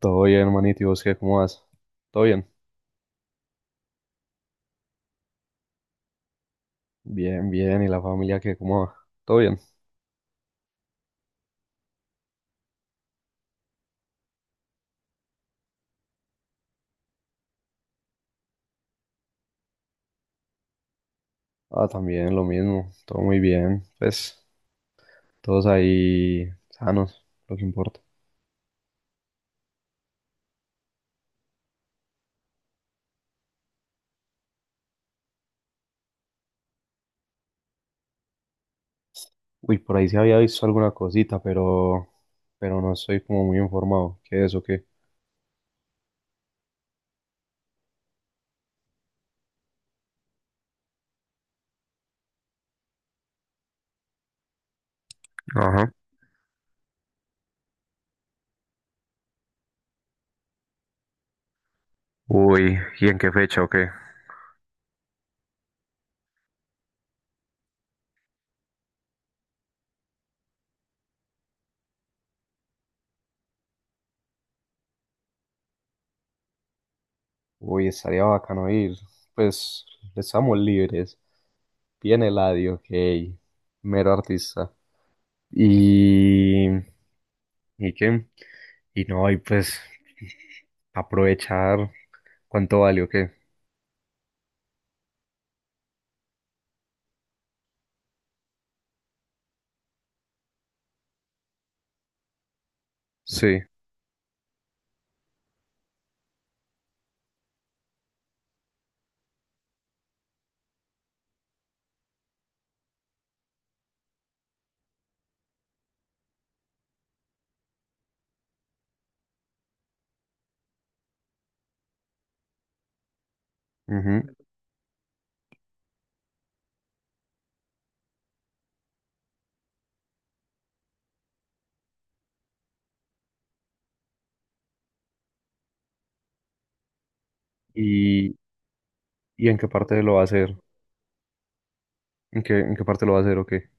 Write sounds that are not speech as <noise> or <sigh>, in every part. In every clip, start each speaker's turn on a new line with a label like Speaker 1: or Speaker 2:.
Speaker 1: Todo bien, hermanito, ¿y vos qué? ¿Cómo vas? ¿Todo bien? Bien, bien, ¿y la familia qué? ¿Cómo va? ¿Todo bien? Ah, también, lo mismo, todo muy bien, pues, todos ahí sanos, lo que importa. Uy, por ahí se había visto alguna cosita, pero no estoy como muy informado, ¿qué es o qué? Ajá. Uy, ¿y en qué fecha o qué? Uy, estaría bacano ir, pues, estamos libres, viene Eladio, ok, mero artista, y... y que, y no, y pues aprovechar cuánto vale o qué. Sí. Ujú. ¿Y, y en qué parte lo va a hacer? ¿En qué parte lo va a hacer o qué?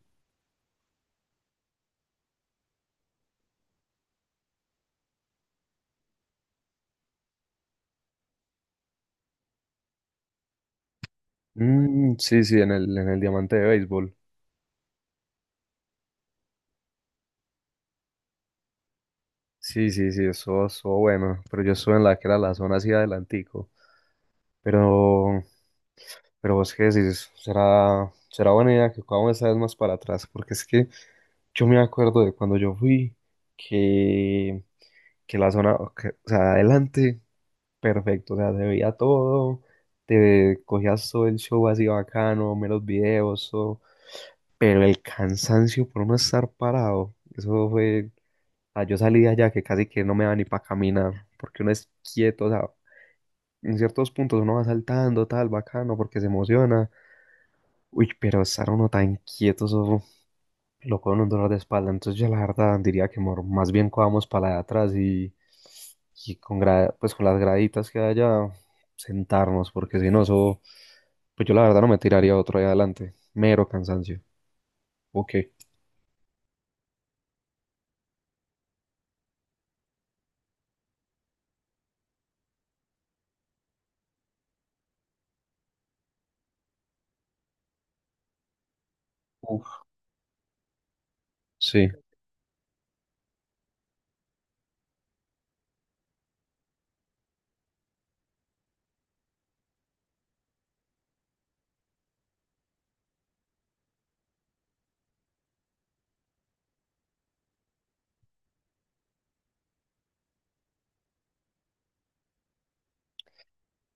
Speaker 1: Mm, sí, sí, en el diamante de béisbol. Sí, sí, sí, eso estuvo bueno, pero yo estuve en la que era la zona así adelantico. Pero, pero vos qué decís, será buena idea que cojamos esa vez más para atrás, porque es que yo me acuerdo de cuando yo fui, que, que la zona, o sea, adelante, perfecto, o sea, se veía todo, te cogías todo el show así bacano, menos videos, todo, pero el cansancio por no estar parado, eso fue, o sea, yo salí de allá que casi que no me da ni para caminar, porque uno es quieto, o sea, en ciertos puntos uno va saltando, tal, bacano, porque se emociona. Uy, pero estar uno tan quieto, eso lo con un dolor de espalda. Entonces yo la verdad diría que más bien cojamos para la de atrás y con pues con las graditas que haya sentarnos, porque si no, eso, pues yo la verdad no me tiraría otro ahí adelante. Mero cansancio. Ok. Uf. Sí.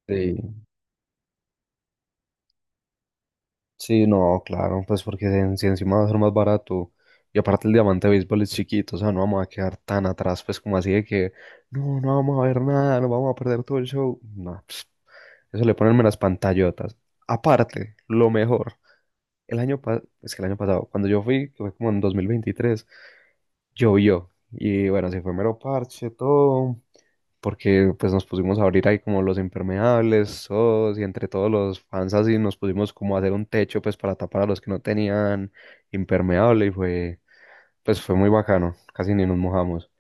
Speaker 1: Sí. Sí, no, claro, pues porque si si encima va a ser más barato y aparte el diamante de béisbol es chiquito, o sea, no vamos a quedar tan atrás, pues como así de que no, no vamos a ver nada, no vamos a perder todo el show. No, pss, eso le ponen las pantallotas. Aparte, lo mejor, el año pasado, es que el año pasado, cuando yo fui, que fue como en 2023, llovió y bueno, se fue mero parche, todo, porque pues nos pusimos a abrir ahí como los impermeables, todos, y entre todos los fans así nos pusimos como a hacer un techo pues para tapar a los que no tenían impermeable y fue, pues fue muy bacano, casi ni nos mojamos,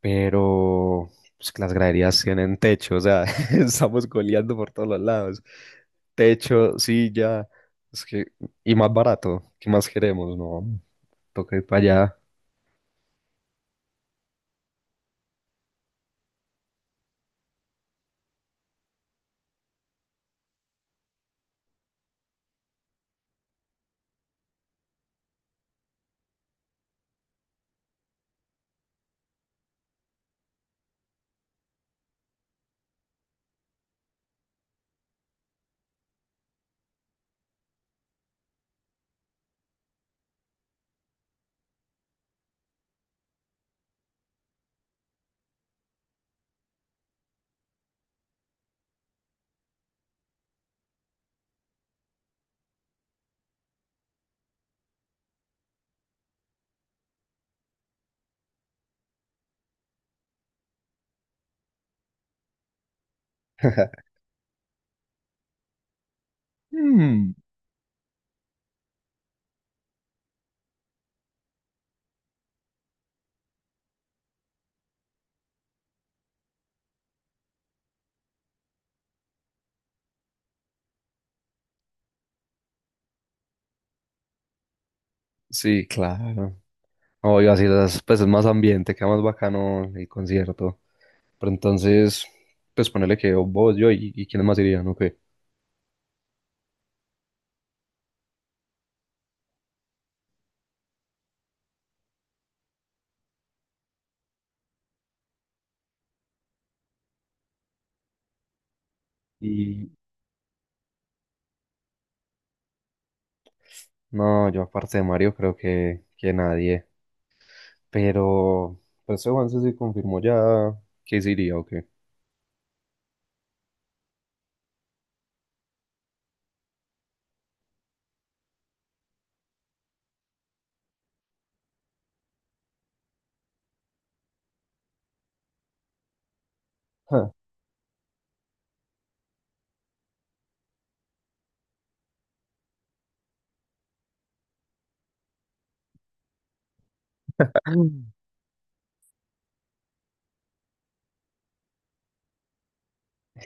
Speaker 1: pero pues que las graderías tienen techo, o sea, <laughs> estamos goleando por todos los lados, techo, silla, es que, y más barato, ¿qué más queremos? No, toca ir para allá. <laughs> Mm, sí, claro. Obvio, así las, pues es más ambiente, queda más bacano el concierto. Pero entonces, pues ponele que vos, yo y quiénes más irían, ¿o qué? Y no, yo aparte de Mario creo que nadie. Pero, pues ese Juanse sí confirmó ya que sí iría, ¿o qué? <laughs> Ah.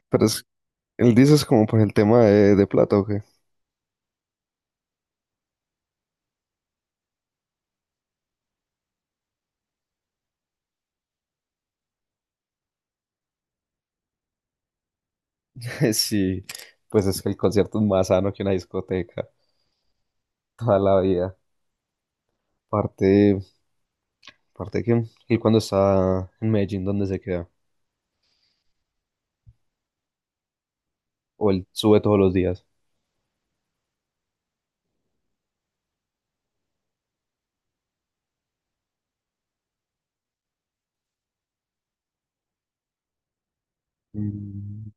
Speaker 1: Pero es, él dice es como por el tema de plata, ¿o qué? <laughs> Sí, pues es que el concierto es más sano que una discoteca, toda la vida. Aparte, aparte que, y cuando está en Medellín, ¿dónde se queda? O él sube todos los días. Mm,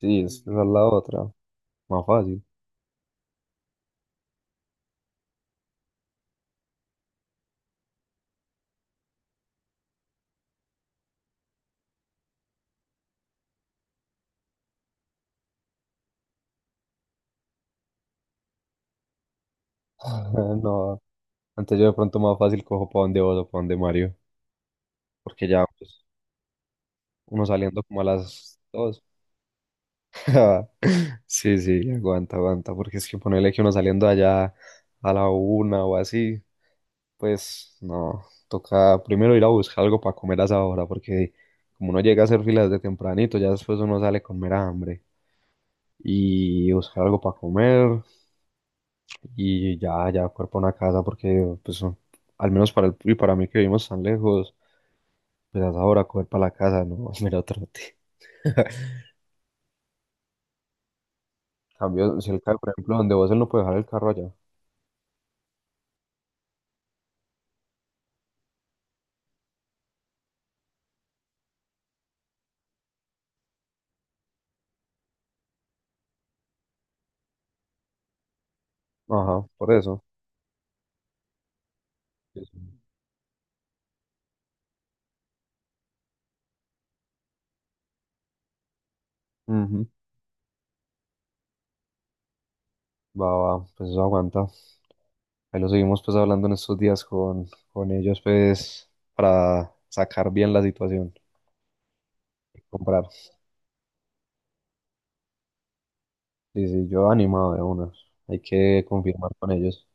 Speaker 1: sí, esa es la otra. Más fácil. <laughs> No, antes yo de pronto más fácil cojo para donde vos o para donde Mario. Porque ya pues, uno saliendo como a las dos. <laughs> Sí, sí, aguanta, aguanta. Porque es que ponerle que uno saliendo allá a la una o así, pues no. Toca primero ir a buscar algo para comer a esa hora. Porque como uno llega a hacer filas de tempranito, ya después uno sale con mera hambre. Y buscar algo para comer. Y ya, ya coger para una casa porque, pues, al menos para el, y para mí que vivimos tan lejos, pues hasta ahora coger para la casa, no, <laughs> mira, trote. <laughs> Cambio, si el carro, por ejemplo, donde vos él no puede dejar el carro allá. Ajá, por eso. Sí, sí. Ujú. Va, va, pues eso aguanta. Ahí lo seguimos pues hablando en estos días con ellos pues para sacar bien la situación y comprar. Sí, sí, yo animado de una. Hay que confirmar con ellos.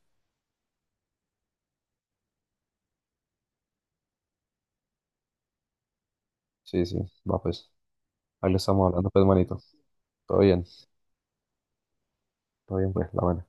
Speaker 1: Sí, sí, va pues. Ahí lo estamos hablando pues manito. Todo bien. Todo bien, pues, la buena.